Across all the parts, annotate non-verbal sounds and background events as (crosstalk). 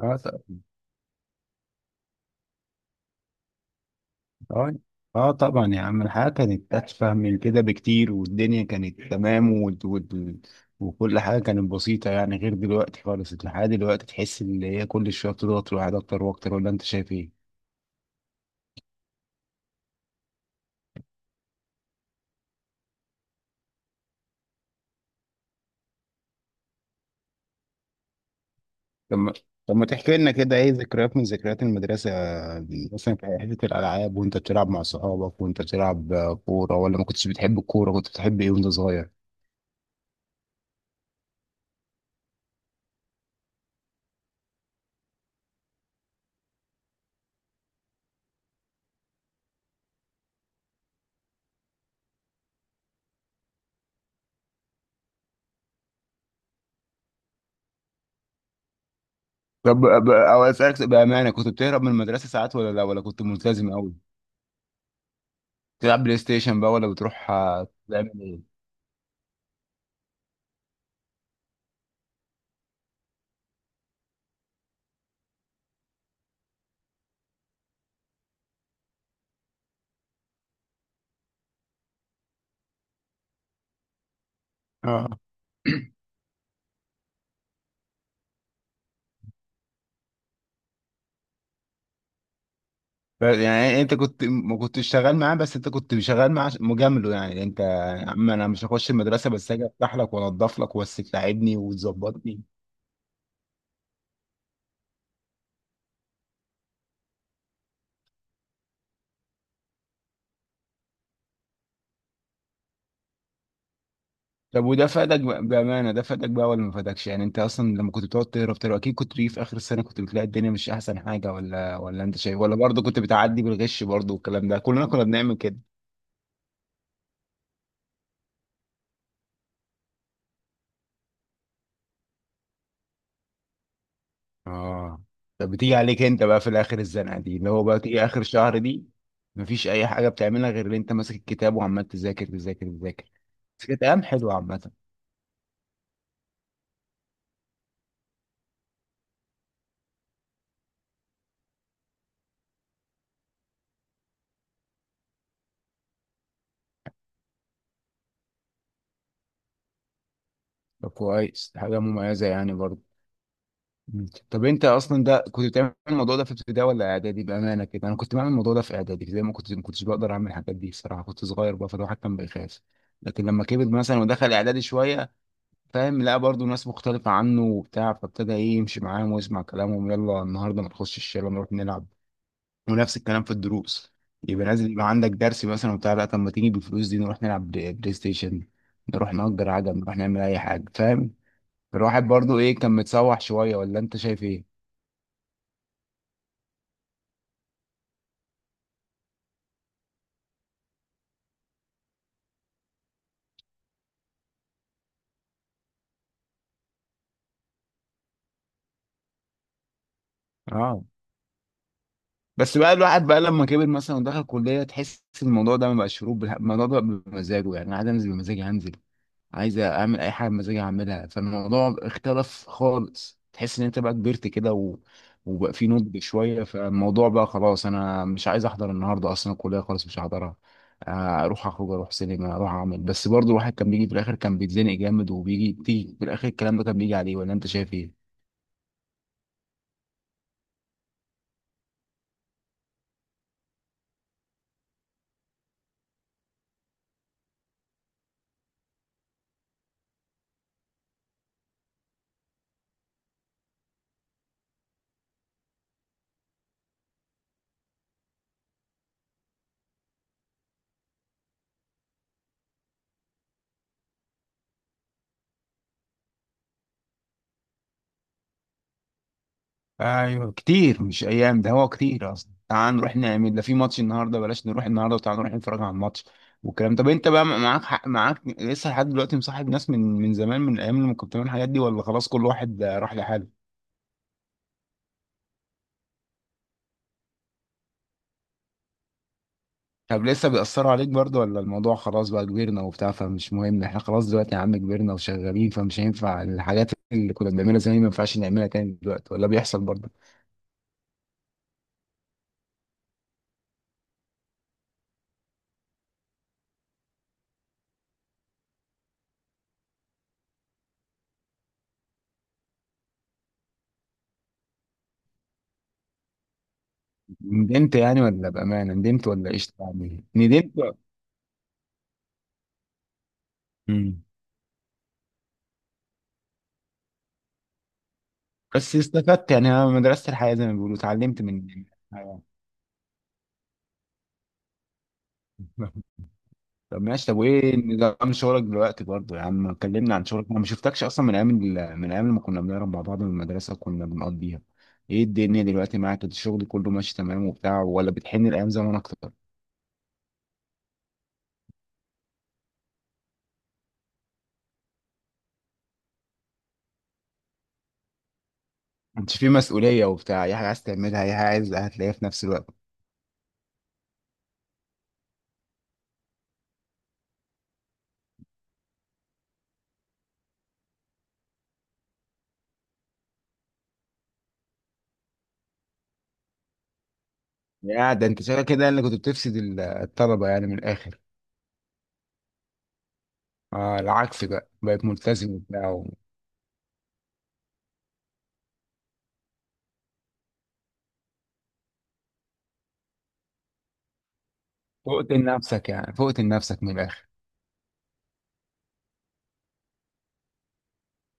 اه طبعا. اه. اه طبعا يا عم، الحياة كانت أتفه من كده بكتير، والدنيا كانت تمام و... و... وكل حاجة كانت بسيطة، يعني غير دلوقتي خالص. الحياة دلوقتي تحس إن هي كل شوية بتضغط الواحد أكتر وأكتر، ولا أنت شايف إيه؟ طب ما طب ما تحكي لنا كده، إيه ذكريات من ذكريات المدرسة دي، مثلا في حتة الألعاب وأنت بتلعب مع صحابك، وأنت بتلعب كورة ولا ما كنتش بتحب الكورة؟ كنت بتحب إيه وأنت صغير؟ طب، أو أسألك بأمانة، كنت بتهرب من المدرسة ساعات ولا لا، ولا كنت ملتزم أوي؟ تلعب بلاي ستيشن بقى، ولا بتروح؟ تعمل ايه؟ اه. يعني انت كنت ما كنتش شغال معاه، بس انت كنت شغال معاه مجامله، يعني انت يا عم انا مش هخش المدرسه، بس اجي افتح لك وانضف لك، بس تلاعبني وتظبطني. طب وده فادك، بامانه، ده فادك بقى ولا ما فادكش؟ يعني انت اصلا لما كنت بتقعد تهرب تهرب اكيد كنت بتيجي في اخر السنه، كنت بتلاقي الدنيا مش احسن حاجه، ولا انت شايف؟ ولا برضه كنت بتعدي بالغش برضه؟ والكلام ده كلنا كنا بنعمل كده. اه. طب بتيجي عليك انت بقى في الاخر الزنقه دي، اللي هو بقى تيجي اخر شهر دي؟ مفيش اي حاجه بتعملها غير ان انت ماسك الكتاب وعمال تذاكر تذاكر تذاكر. بس كانت ايام حلوه عامه. طب كويس، حاجه مميزه يعني برضه. مم. طب انت اصلا ده كنت بتعمل الموضوع ده في ابتدائي ولا اعدادي؟ بامانه كده انا كنت بعمل الموضوع ده في اعدادي، زي ما كنت ما كنتش بقدر اعمل الحاجات دي الصراحه، كنت صغير بقى فالواحد كان بيخاف. لكن لما كبر مثلا ودخل اعدادي شويه، فاهم، لا برضو ناس مختلفة عنه وبتاع، فابتدى ايه يمشي معاهم ويسمع كلامهم، يلا النهاردة ما نخش الشارع نروح نلعب. ونفس الكلام في الدروس، يبقى لازم يبقى عندك درس مثلا وبتاع، لا طب ما تيجي بالفلوس دي نروح نلعب بلاي ستيشن، نروح نأجر عجل، نروح نعمل أي حاجة، فاهم. الواحد برضو ايه، كان متسوح شوية، ولا انت شايف ايه؟ اه. بس بقى الواحد بقى لما كبر مثلا ودخل كلية، تحس الموضوع ده ما بقاش شروط، الموضوع ده بمزاجه، يعني أنا عايز انزل بمزاجي هنزل، عايز اعمل اي حاجه بمزاجي اعملها. فالموضوع اختلف خالص، تحس ان انت بقى كبرت كده و... وبقى في نضج شويه. فالموضوع بقى خلاص، انا مش عايز احضر النهارده، اصلا الكليه خالص مش هحضرها. اروح اخرج، اروح سينما، اروح اعمل. بس برضو الواحد كان بيجي في الاخر، كان بيتزنق جامد، وبيجي تيجي في الاخر الكلام ده كان بيجي عليه، ولا انت شايف ايه؟ ايوه كتير، مش ايام ده، هو كتير اصلا. تعال نروح نعمل ده، في ماتش النهارده، بلاش نروح النهارده، وتعال نروح نتفرج على الماتش. والكلام، طب انت بقى معاك حق، معاك لسه لحد دلوقتي مصاحب ناس من زمان، من الايام اللي كنت بتعمل الحاجات دي، ولا خلاص كل واحد راح لحاله؟ طب لسه بيأثروا عليك برضه، ولا الموضوع خلاص بقى كبرنا وبتاع، فمش مهم؟ احنا خلاص دلوقتي يا عم كبرنا وشغالين، فمش هينفع الحاجات اللي كنا بنعملها زمان ما ينفعش نعملها تاني دلوقتي، ولا بيحصل برضه؟ ندمت يعني، ولا بأمانة ندمت، ولا ايش يعني ندمت؟ مم. بس استفدت يعني، انا مدرسة الحياة زي ما بيقولوا، اتعلمت من الحياة. (laughs) طب ماشي، طب وايه نظام شغلك دلوقتي برضه يا عم؟ كلمنا عن شغلك، انا ما شفتكش اصلا من ايام من ايام لما كنا بنهرب مع بعض من المدرسة، كنا بنقضيها. ايه الدنيا دلوقتي معاك، الشغل كله ماشي تمام وبتاع، ولا بتحن الايام زمان اكتر؟ انت في مسؤولية وبتاع، اي حاجة عايز تعملها، اي حاجة عايز هتلاقيها في نفس الوقت. يا ده انت شغال كده اللي كنت بتفسد الطلبة يعني من الاخر؟ آه، العكس بقى، بقيت ملتزم وبتاع. فوقت لنفسك يعني، فوقت لنفسك من الاخر.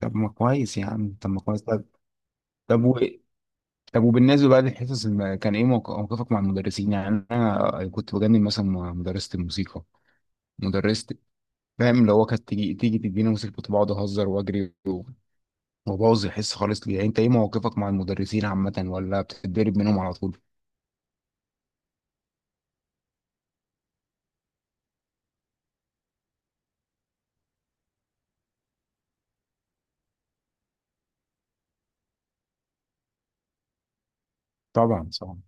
طب ما كويس يا عم، طب ما كويس، طب. طب و... وبالنسبه بقى للحصص، كان ايه موقفك مع المدرسين؟ يعني انا كنت بجنن مثلا مع مدرسه الموسيقى، مدرسه فاهم، اللي هو كانت تيجي تدينا موسيقى، كنت بقعد اهزر واجري وابوظ الحصه خالص. ليه يعني انت ايه موقفك مع المدرسين عامه، ولا بتتدرب منهم على طول؟ طبعا طبعا.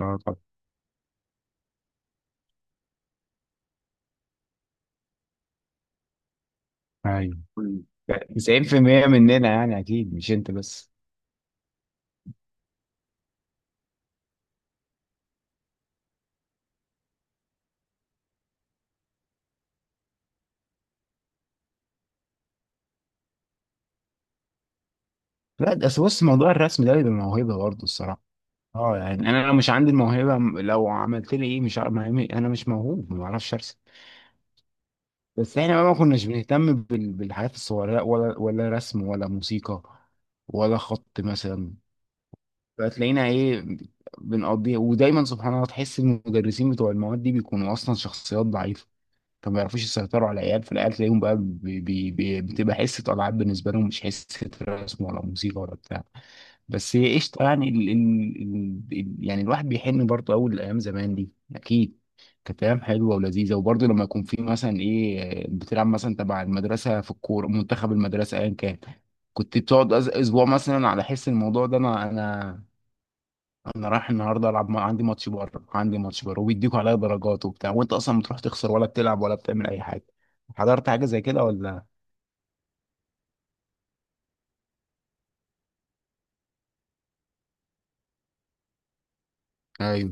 اه طبعا. ايوه، 90% مننا يعني، اكيد مش انت بس. لا ده أصل، بص، موضوع الرسم ده بيبقى موهبه برضه الصراحه. اه يعني انا لو مش عندي الموهبه، لو عملت لي ايه، مش عارف، انا مش موهوب ما بعرفش ارسم. بس احنا بقى ما كناش بنهتم بالحاجات الصغيره، ولا رسم ولا موسيقى ولا خط مثلا. فتلاقينا ايه، بنقضيها. ودايما سبحان الله تحس المدرسين بتوع المواد دي بيكونوا اصلا شخصيات ضعيفه، فما بيعرفوش يسيطروا على العيال، فالعيال تلاقيهم بقى بي بي بي بتبقى حصة ألعاب بالنسبة لهم، مش حصة رسم ولا موسيقى ولا بتاع. بس هي قشطة يعني، يعني الواحد بيحن برضه أول الأيام زمان دي. أكيد كانت أيام حلوة ولذيذة. وبرضه لما يكون في مثلا إيه، بتلعب مثلا تبع المدرسة في الكورة، منتخب المدرسة أيا كان، كنت بتقعد أسبوع مثلا على حس الموضوع ده. أنا أنا انا رايح النهارده العب، عندي ماتش بره، وبيديكوا عليا درجات وبتاع، وانت اصلا بتروح تخسر ولا بتلعب ولا بتعمل اي حاجه. حضرت حاجه زي كده ولا؟ ايوه.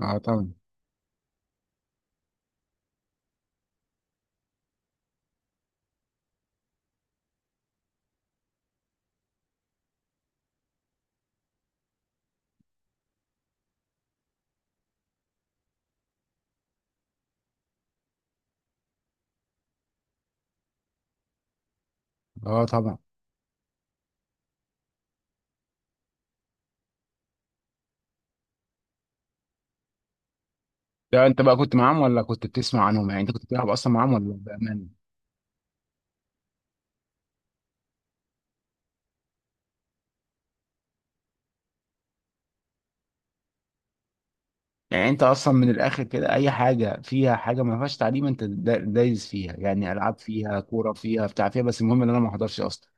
اه طبعا. اه طبعا. لا انت بقى كنت معاهم ولا كنت بتسمع عنهم؟ يعني انت كنت بتلعب اصلا معاهم ولا، بامانه؟ يعني انت اصلا من الاخر كده، اي حاجه فيها حاجه ما فيهاش تعليم انت دايس فيها، يعني العاب فيها، كوره فيها، بتاع فيها، بس المهم ان انا ما احضرش اصلا.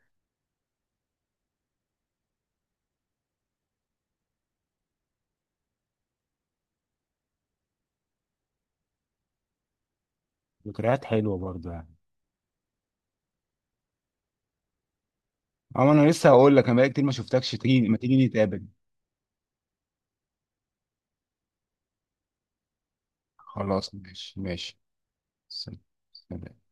ذكريات حلوه برضه يعني. اه انا لسه هقول لك، انا بقالي كتير ما شفتكش، تيجي ما تيجي نتقابل. خلاص ماشي ماشي. سلام. سلام.